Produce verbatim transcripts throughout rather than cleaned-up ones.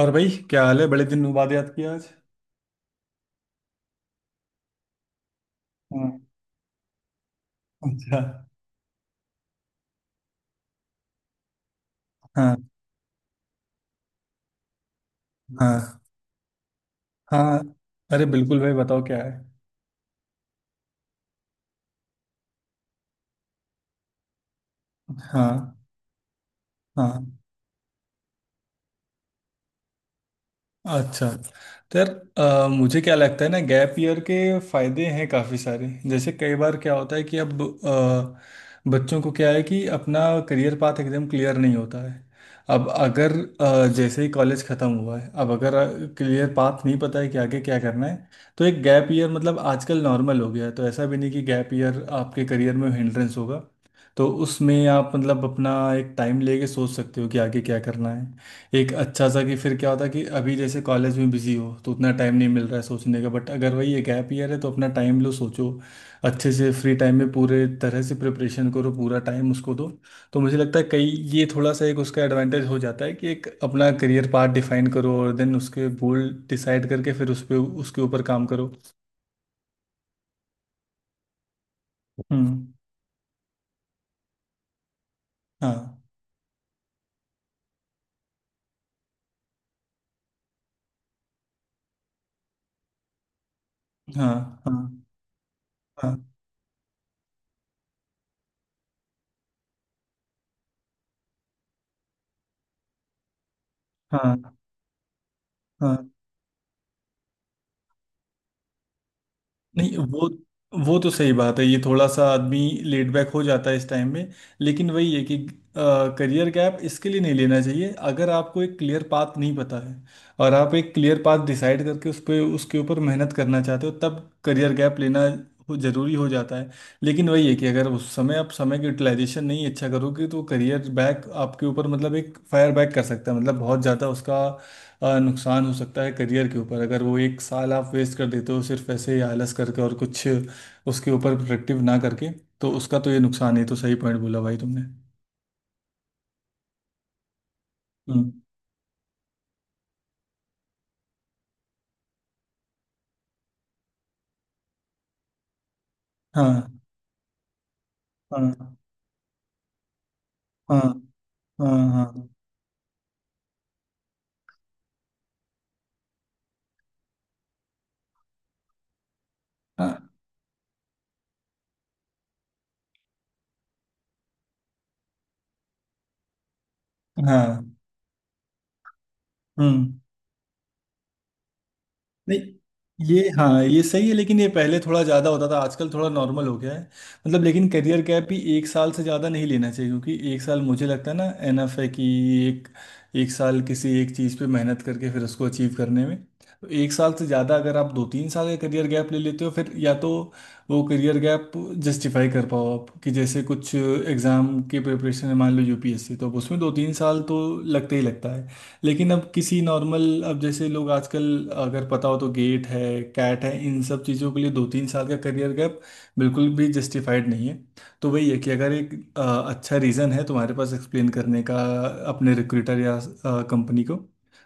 और भाई क्या हाल है बड़े दिन बाद याद किया आज। हाँ। अच्छा। हाँ। हाँ। हाँ। अरे बिल्कुल भाई बताओ क्या है। हाँ। हाँ। अच्छा। तो यार अ, मुझे क्या लगता है ना गैप ईयर के फायदे हैं काफ़ी सारे। जैसे कई बार क्या होता है कि अब अ, बच्चों को क्या है कि अपना करियर पाथ एकदम क्लियर नहीं होता है। अब अगर अ, जैसे ही कॉलेज ख़त्म हुआ है, अब अगर क्लियर पाथ नहीं पता है कि आगे क्या करना है, तो एक गैप ईयर, मतलब आजकल नॉर्मल हो गया है, तो ऐसा भी नहीं कि गैप ईयर आपके करियर में हिंड्रेंस होगा। तो उसमें आप मतलब अपना एक टाइम लेके सोच सकते हो कि आगे क्या करना है। एक अच्छा सा, कि फिर क्या होता है कि अभी जैसे कॉलेज में बिजी हो तो उतना टाइम नहीं मिल रहा है सोचने का, बट अगर वही एक गैप ईयर है तो अपना टाइम लो, सोचो अच्छे से, फ्री टाइम में पूरे तरह से प्रिपरेशन करो, पूरा टाइम उसको दो। तो मुझे लगता है कई ये थोड़ा सा एक उसका एडवांटेज हो जाता है कि एक अपना करियर पाथ डिफाइन करो और देन उसके गोल डिसाइड करके फिर उस पर उसके ऊपर काम करो। हम्म। हाँ। हाँ। हाँ। हाँ। हाँ। हाँ। नहीं वो, वो तो सही बात है। ये थोड़ा सा आदमी लेट बैक हो जाता है इस टाइम में। लेकिन वही है कि करियर गैप इसके लिए नहीं लेना चाहिए। अगर आपको एक क्लियर पाथ नहीं पता है और आप एक क्लियर पाथ डिसाइड करके उस पे उसके ऊपर मेहनत करना चाहते हो, तब करियर गैप लेना हो- जरूरी हो जाता है। लेकिन वही है कि अगर उस समय आप समय की यूटिलाइजेशन नहीं अच्छा करोगे तो करियर बैक आपके ऊपर, मतलब एक फायर बैक कर सकता है, मतलब बहुत ज़्यादा उसका आ, नुकसान हो सकता है करियर के ऊपर, अगर वो एक साल आप वेस्ट कर देते हो सिर्फ ऐसे ही आलस करके और कुछ उसके ऊपर प्रोडक्टिव ना करके। तो उसका तो ये नुकसान है। तो सही पॉइंट बोला भाई तुमने। हम्म। हाँ। हाँ। हाँ। हाँ। हाँ। हाँ। हाँ। हाँ। हम्म। नहीं ये, हाँ ये सही है, लेकिन ये पहले थोड़ा ज़्यादा होता था आजकल थोड़ा नॉर्मल हो गया है। मतलब लेकिन करियर गैप भी एक साल से ज़्यादा नहीं लेना चाहिए क्योंकि एक साल मुझे लगता है ना एनफ है कि एक एक साल किसी एक चीज़ पे मेहनत करके फिर उसको अचीव करने में। तो एक साल से ज़्यादा अगर आप दो तीन साल का करियर गैप ले लेते हो फिर या तो वो करियर गैप जस्टिफाई कर पाओ आप, कि जैसे कुछ एग्ज़ाम के प्रिपरेशन है, मान लो यूपीएससी, तो अब उसमें दो तीन साल तो लगते ही लगता है। लेकिन अब किसी नॉर्मल, अब जैसे लोग आजकल अगर पता हो तो गेट है, कैट है, इन सब चीज़ों के लिए दो तीन साल का करियर गैप बिल्कुल भी जस्टिफाइड नहीं है। तो वही है कि अगर एक अ, अच्छा रीज़न है तुम्हारे पास एक्सप्लेन करने का अपने रिक्रूटर या कंपनी को,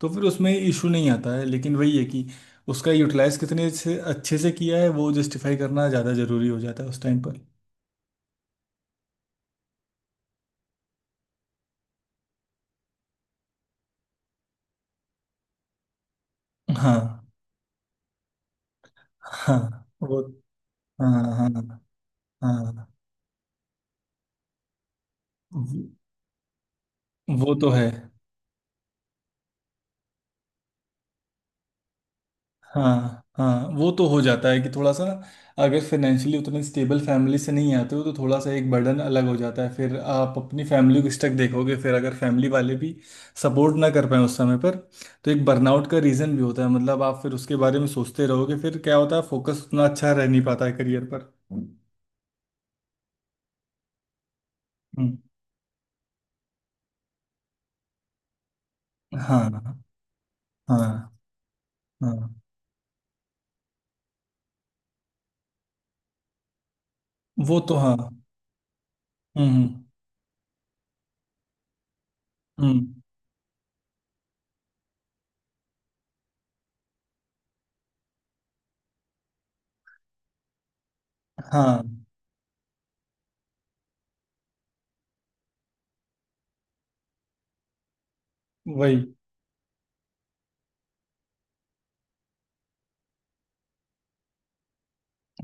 तो फिर उसमें इशू नहीं आता है। लेकिन वही है कि उसका यूटिलाइज कितने से अच्छे से किया है वो जस्टिफाई करना ज़्यादा ज़रूरी हो जाता है उस टाइम पर। हाँ। हाँ। वो। हाँ। हाँ। हाँ। वो वो तो है। हाँ। हाँ। वो तो हो जाता है कि थोड़ा सा ना, अगर फाइनेंशियली उतने स्टेबल फैमिली से नहीं आते हो तो थोड़ा सा एक बर्डन अलग हो जाता है। फिर आप अपनी फैमिली को स्टक देखोगे, फिर अगर फैमिली वाले भी सपोर्ट ना कर पाए उस समय पर, तो एक बर्नआउट का रीज़न भी होता है। मतलब आप फिर उसके बारे में सोचते रहोगे, फिर क्या होता है फोकस उतना अच्छा रह नहीं पाता है करियर पर। हम्म। हाँ। हाँ। हाँ। हाँ। वो तो हाँ। हम्म। हम्म। हाँ। वही।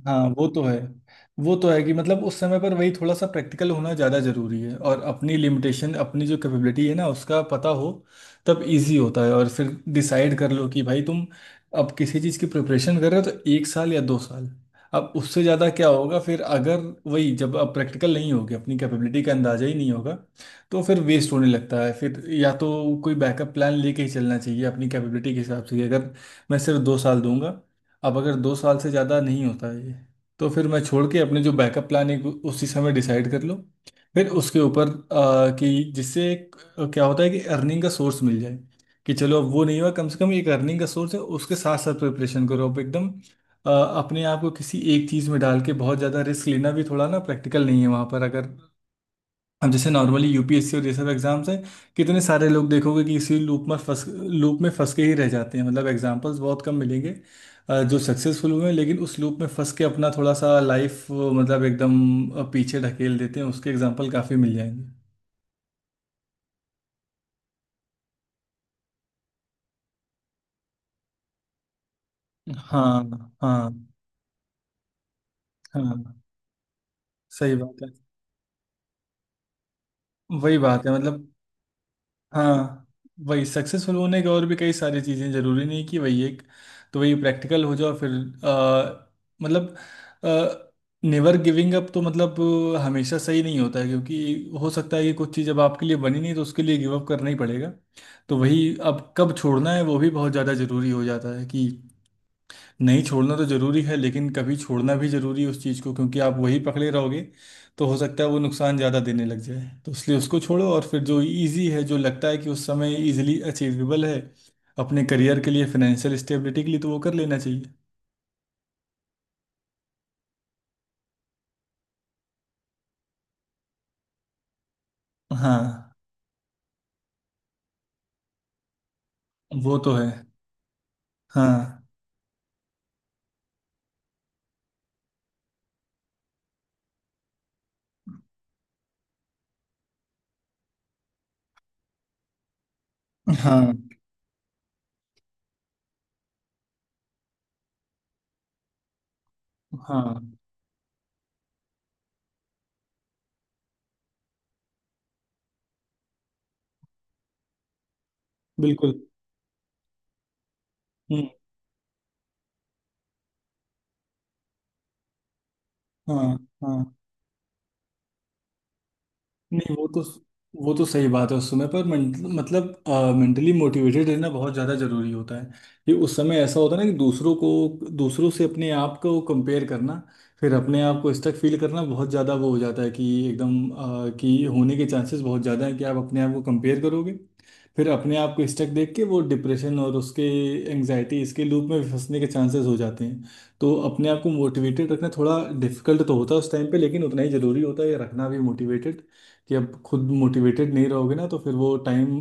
हाँ। वो तो है। वो तो है कि मतलब उस समय पर वही थोड़ा सा प्रैक्टिकल होना ज़्यादा ज़रूरी है, और अपनी लिमिटेशन, अपनी जो कैपेबिलिटी है ना उसका पता हो, तब इजी होता है। और फिर डिसाइड कर लो कि भाई तुम अब किसी चीज़ की प्रिपरेशन कर रहे हो तो एक साल या दो साल, अब उससे ज़्यादा क्या होगा फिर। अगर वही, जब अब प्रैक्टिकल नहीं होगी, अपनी कैपेबिलिटी का अंदाज़ा ही नहीं होगा, तो फिर वेस्ट होने लगता है। फिर या तो कोई बैकअप प्लान लेके ही चलना चाहिए अपनी कैपेबिलिटी के हिसाब से। कि अगर मैं सिर्फ दो साल दूंगा, अब अगर दो साल से ज़्यादा नहीं होता है ये, तो फिर मैं छोड़ के अपने जो बैकअप प्लान है उसी समय डिसाइड कर लो। फिर उसके ऊपर आ, कि जिससे एक, आ, क्या होता है कि अर्निंग का सोर्स मिल जाए, कि चलो अब वो नहीं हुआ, कम से कम एक अर्निंग का सोर्स है, उसके साथ साथ प्रिपरेशन करो अब एकदम। आ, अपने आप को किसी एक चीज़ में डाल के बहुत ज़्यादा रिस्क लेना भी थोड़ा ना प्रैक्टिकल नहीं है वहाँ पर। अगर अब जैसे नॉर्मली यूपीएससी और ये सब एग्जाम्स हैं, कितने सारे लोग देखोगे कि इसी लूप में फंस लूप में फंस के ही रह जाते हैं। मतलब एग्जाम्पल्स बहुत कम मिलेंगे अ, जो सक्सेसफुल हुए हैं, लेकिन उस लूप में फंस के अपना थोड़ा सा लाइफ, मतलब एकदम अ, पीछे ढकेल देते हैं। उसके एग्जाम्पल काफ़ी मिल जाएंगे। हाँ। हाँ। हाँ। सही बात है। वही बात है मतलब। हाँ। वही सक्सेसफुल होने का और भी कई सारी चीज़ें। जरूरी नहीं कि वही एक। तो वही प्रैक्टिकल हो जाओ फिर अ, मतलब नेवर गिविंग अप तो मतलब अ, हमेशा सही नहीं होता है। क्योंकि हो सकता है कि कुछ चीज़ अब आपके लिए बनी नहीं, तो उसके लिए गिव अप करना ही पड़ेगा। तो वही अब कब छोड़ना है वो भी बहुत ज़्यादा ज़रूरी हो जाता है। कि नहीं छोड़ना तो जरूरी है, लेकिन कभी छोड़ना भी जरूरी है उस चीज़ को। क्योंकि आप वही पकड़े रहोगे तो हो सकता है वो नुकसान ज़्यादा देने लग जाए, तो इसलिए उसको छोड़ो, और फिर जो इजी है, जो लगता है कि उस समय इजीली अचीवेबल है अपने करियर के लिए, फाइनेंशियल स्टेबिलिटी के लिए, तो वो कर लेना चाहिए। हाँ। वो तो है। हाँ। हाँ। हाँ। बिल्कुल। हम्म। हाँ। हाँ। नहीं वो, तो वो तो सही बात है। उस समय पर मेंट- मतलब मेंटली मोटिवेटेड रहना बहुत ज़्यादा ज़रूरी होता है। ये उस समय ऐसा होता है ना कि दूसरों को दूसरों से अपने आप को कंपेयर करना, फिर अपने आप को स्टक फील करना बहुत ज़्यादा वो हो जाता है कि एकदम अ, कि होने के चांसेस बहुत ज़्यादा है कि आप अपने आप को कंपेयर करोगे। फिर अपने आप को स्टक देख के वो डिप्रेशन और उसके एंग्जाइटी, इसके लूप में फंसने के चांसेस हो जाते हैं। तो अपने आप को मोटिवेटेड रखना थोड़ा डिफिकल्ट तो होता है उस टाइम पे, लेकिन उतना ही ज़रूरी होता है रखना भी मोटिवेटेड। कि अब खुद मोटिवेटेड नहीं रहोगे ना, तो फिर वो टाइम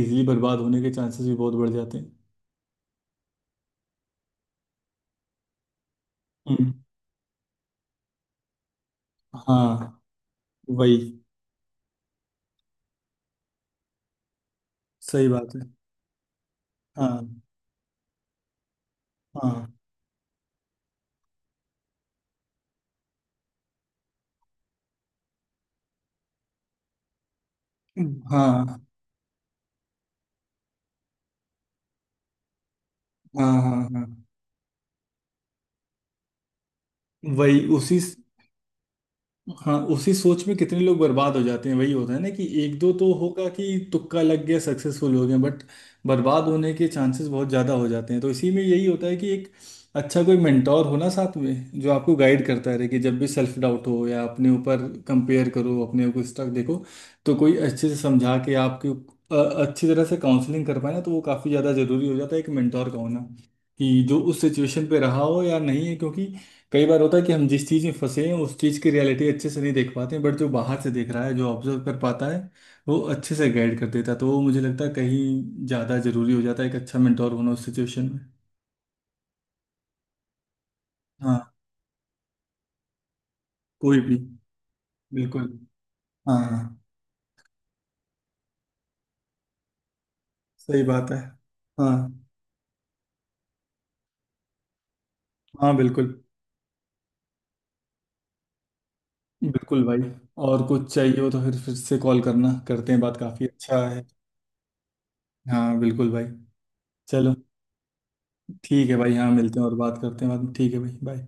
इजीली बर्बाद होने के चांसेस भी बहुत बढ़ जाते हैं। हम्म। हाँ। वही। सही बात है। हाँ। हाँ। हाँ। हाँ। हाँ। हाँ। हाँ। वही उसी। हाँ उसी सोच में कितने लोग बर्बाद हो जाते हैं। वही होता है ना, कि एक दो तो होगा कि तुक्का लग गया सक्सेसफुल हो गए, बट बर्बाद होने के चांसेस बहुत ज़्यादा हो जाते हैं। तो इसी में यही होता है कि एक अच्छा कोई मेंटोर हो ना साथ में, जो आपको गाइड करता रहे कि जब भी सेल्फ डाउट हो, या अपने ऊपर कंपेयर करो, अपने को स्टक देखो, तो कोई अच्छे से समझा के आपके अ- अच्छी तरह से काउंसलिंग कर पाए ना, तो वो काफ़ी ज़्यादा ज़रूरी हो जाता है एक मेंटोर का होना। कि जो उस सिचुएशन पे रहा हो या नहीं है। क्योंकि कई बार होता है कि हम जिस चीज में फंसे हैं उस चीज की रियलिटी अच्छे से नहीं देख पाते हैं, बट जो बाहर से देख रहा है, जो ऑब्जर्व कर पाता है, वो अच्छे से गाइड कर देता है। तो वो मुझे लगता है कहीं ज्यादा जरूरी हो जाता है एक अच्छा मेंटोर होना उस सिचुएशन में। हाँ। कोई भी। बिल्कुल। हाँ। सही बात है। हाँ। हाँ। बिल्कुल। बिल्कुल भाई, और कुछ चाहिए हो तो फिर फिर से कॉल करना। करते हैं बात, काफी अच्छा है। हाँ बिल्कुल भाई। चलो, ठीक है भाई। हाँ मिलते हैं और बात करते हैं बाद में। ठीक है भाई, बाय।